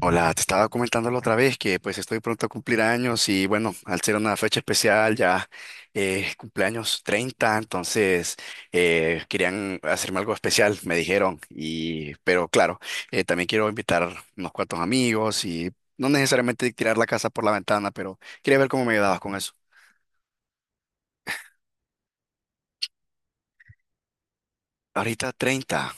Hola, te estaba comentando la otra vez que pues estoy pronto a cumplir años y bueno, al ser una fecha especial ya, cumpleaños treinta. Entonces, querían hacerme algo especial, me dijeron, y pero claro, también quiero invitar unos cuantos amigos y no necesariamente tirar la casa por la ventana, pero quería ver cómo me ayudabas con eso. Ahorita 30.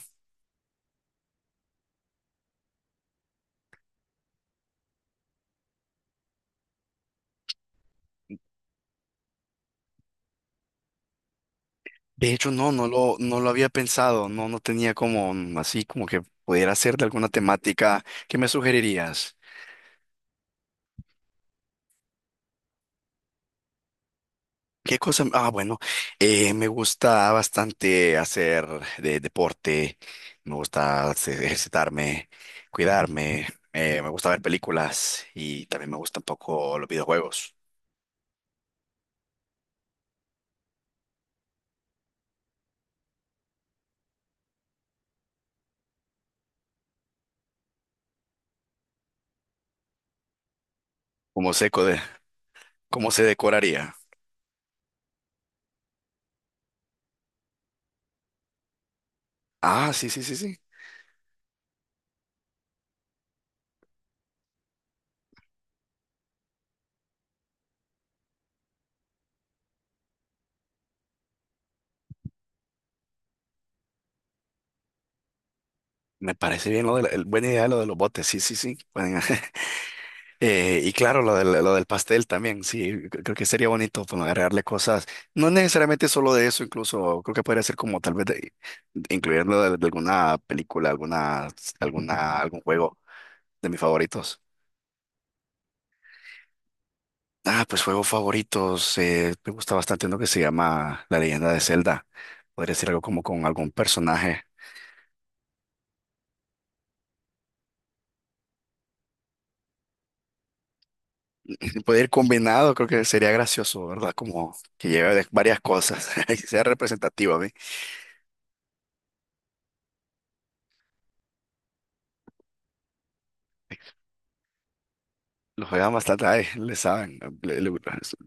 De hecho, no, no lo había pensado. No, no tenía como así como que pudiera ser de alguna temática. ¿Qué me sugerirías? ¿Qué cosa? Ah, bueno, me gusta bastante hacer de deporte, me gusta ejercitarme, cuidarme, me gusta ver películas y también me gusta un poco los videojuegos. ¿Cómo se, code- ¿Cómo se decoraría? Ah, sí, sí, sí, sí. Me parece bien lo de la- el- buena idea lo de los botes, sí, sí, sí. Pueden- Y claro, lo del pastel también, sí, creo que sería bonito pues, agregarle cosas, no necesariamente solo de eso. Incluso creo que podría ser como tal vez de incluirlo de alguna película, alguna, algún juego de mis favoritos. Ah, pues juegos favoritos, me gusta bastante uno que se llama La Leyenda de Zelda, podría ser algo como con algún personaje. Puede ir combinado, creo que sería gracioso, ¿verdad? Como que lleve varias cosas y sea representativo a mí. Los juegan bastante, ay, le saben,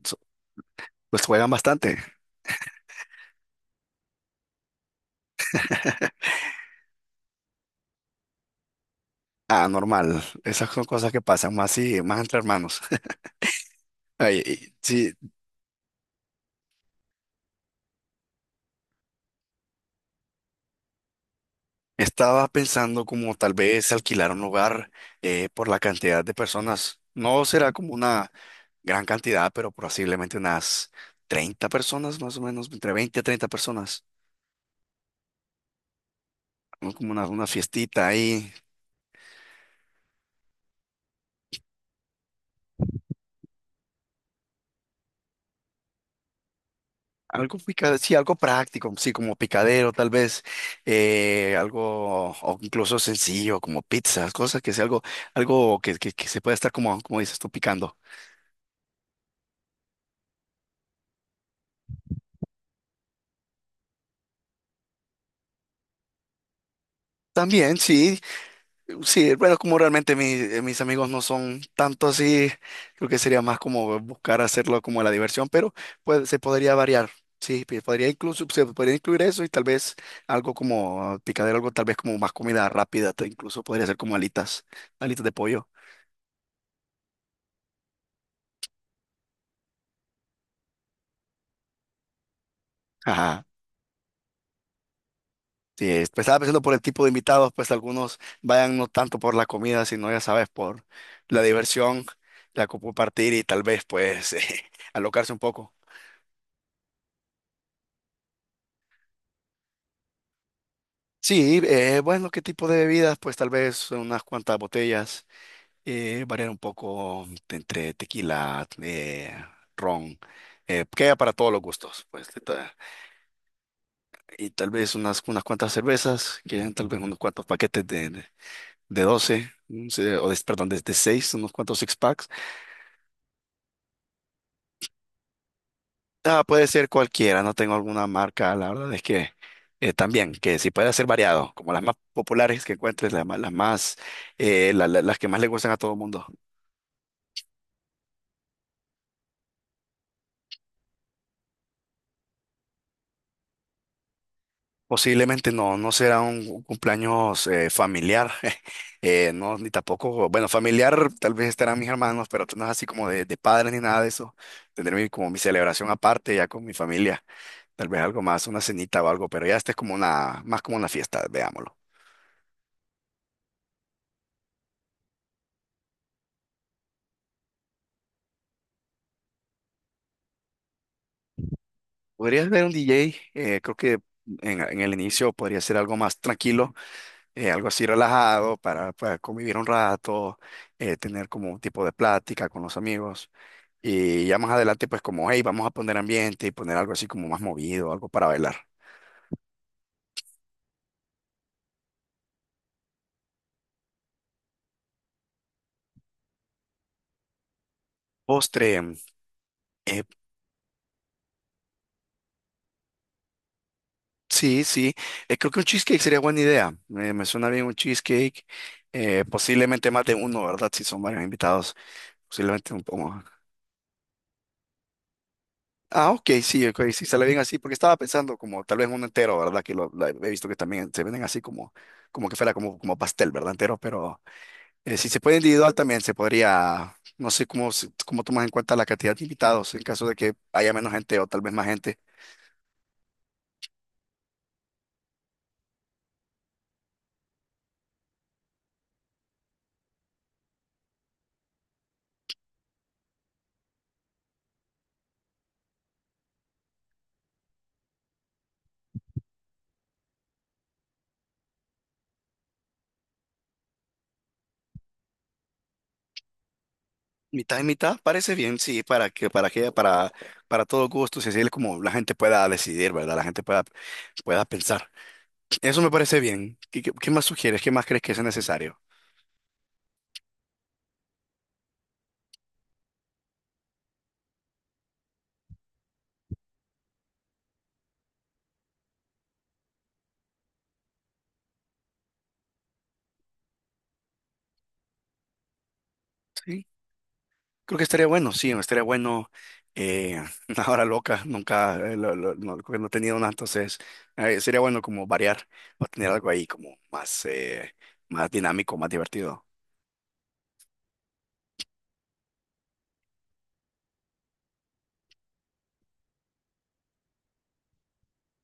so- pues juegan bastante. Ah, normal, esas son cosas que pasan más y más entre hermanos. Ay, y sí, estaba pensando como tal vez alquilar un lugar, por la cantidad de personas. No será como una gran cantidad, pero posiblemente unas 30 personas, más o menos, entre 20 a 30 personas. ¿No? Como una fiestita ahí. Sí, algo práctico, sí, como picadero, tal vez, algo, o incluso sencillo, como pizzas, cosas que sea algo, algo que se pueda estar como, como dices tú, picando. También, sí, sí, bueno, como realmente mis amigos no son tanto así. Creo que sería más como buscar hacerlo como la diversión, pero pues, se podría variar, sí, podría incluso, se podría incluir eso y tal vez algo como picadero, algo tal vez como más comida rápida, incluso podría ser como alitas, alitas de pollo. Ajá. Sí, es- pues estaba pensando por el tipo de invitados, pues algunos vayan no tanto por la comida, sino ya sabes, por la diversión, compartir y tal vez pues alocarse un poco. Sí, bueno, ¿qué tipo de bebidas? Pues tal vez unas cuantas botellas, variar un poco de entre tequila, ron, que haya para todos los gustos, pues y tal vez unas, unas cuantas cervezas, que hayan tal vez unos cuantos paquetes de 12, un se- o de- perdón, de 6, unos cuantos six packs. Ah, puede ser cualquiera, no tengo alguna marca, la verdad es que, también, que sí puede ser variado, como las más populares que encuentres, las más, las que más le gustan a todo el mundo. Posiblemente no, no será un cumpleaños familiar. No, ni tampoco, bueno, familiar tal vez estarán mis hermanos, pero no es así como de padres ni nada de eso. Tendré como mi celebración aparte ya con mi familia, tal vez algo más, una cenita o algo, pero ya este es como una, más como una fiesta, veámoslo. Podrías ver un DJ, creo que en el inicio podría ser algo más tranquilo, algo así relajado para convivir un rato, tener como un tipo de plática con los amigos. Y ya más adelante, pues como, hey, vamos a poner ambiente y poner algo así como más movido, algo para bailar. Postre, eh, sí, sí, creo que un cheesecake sería buena idea. Me suena bien un cheesecake, posiblemente más de uno, ¿verdad? Si son varios invitados, posiblemente un. Ah, ok, sí, ok, sí, sale bien así, porque estaba pensando como tal vez un entero, ¿verdad? Que he visto que también se venden así como, como que fuera como, como pastel, ¿verdad? Entero, pero, si se puede individual también se podría, no sé cómo, cómo tomas en cuenta la cantidad de invitados en caso de que haya menos gente o tal vez más gente. Mitad y mitad parece bien, sí, para todo gusto, si así es como la gente pueda decidir, ¿verdad? La gente pueda, pueda pensar. Eso me parece bien. ¿Qué, qué más sugieres? ¿Qué más crees que es necesario? Sí, creo que estaría bueno, sí, estaría bueno. eh, una hora loca, nunca, no, creo que no he tenido una. Entonces, sería bueno como variar o tener algo ahí como más, más dinámico, más divertido.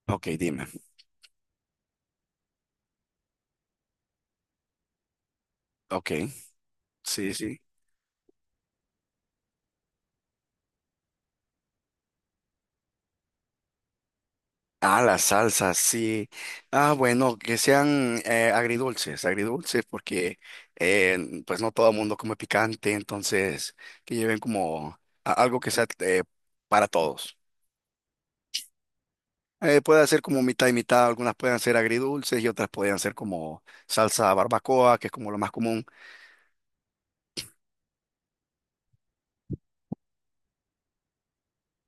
Ok, dime. Ok. Sí, sí. Ah, las salsas, sí. Ah, bueno, que sean agridulces, agridulces, porque, pues no todo el mundo come picante. Entonces, que lleven como algo que sea, para todos. Puede ser como mitad y mitad, algunas pueden ser agridulces y otras pueden ser como salsa barbacoa, que es como lo más común.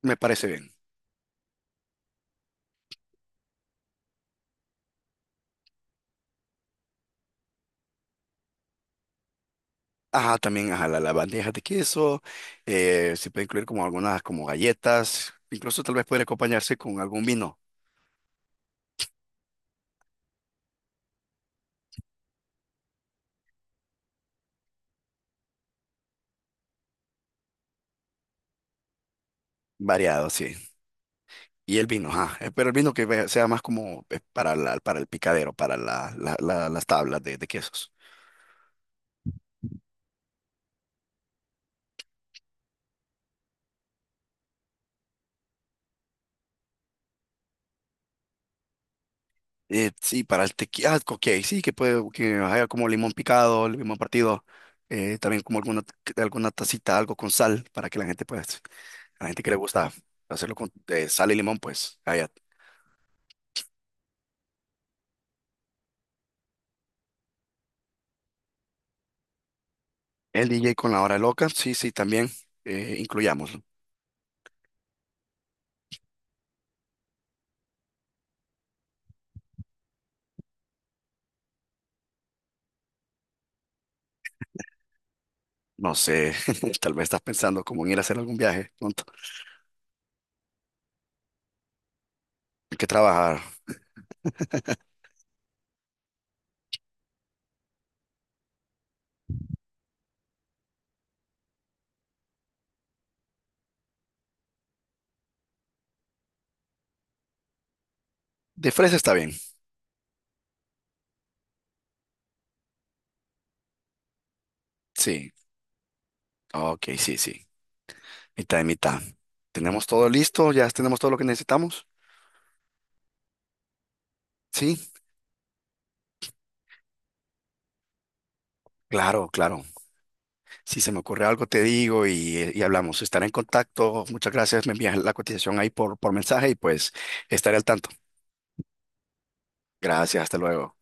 Me parece bien. Ajá, también ajá, la bandeja de queso, se puede incluir como algunas como galletas, incluso tal vez puede acompañarse con algún vino variado, sí. Y el vino, ajá. Pero el vino que sea más como, para la, para el picadero, para las tablas de quesos. Sí, para el tequila, ah, ok, sí, que puede, que haya como limón picado, limón partido, también como alguna, alguna tacita, algo con sal, para que la gente, pues, a la gente que le gusta hacerlo con, sal y limón, pues, allá. El DJ con la hora loca, sí, sí, también, incluyámoslo. No sé, tal vez estás pensando como en ir a hacer algún viaje pronto. Hay que trabajar. De fresa está bien, sí, ok, sí, sí. Mitad y mitad. ¿Tenemos todo listo? ¿Ya tenemos todo lo que necesitamos? Sí, claro, claro. Si se me ocurre algo, te digo y hablamos. Estaré en contacto. Muchas gracias. Me envías la cotización ahí por mensaje y pues estaré al tanto. Gracias, hasta luego.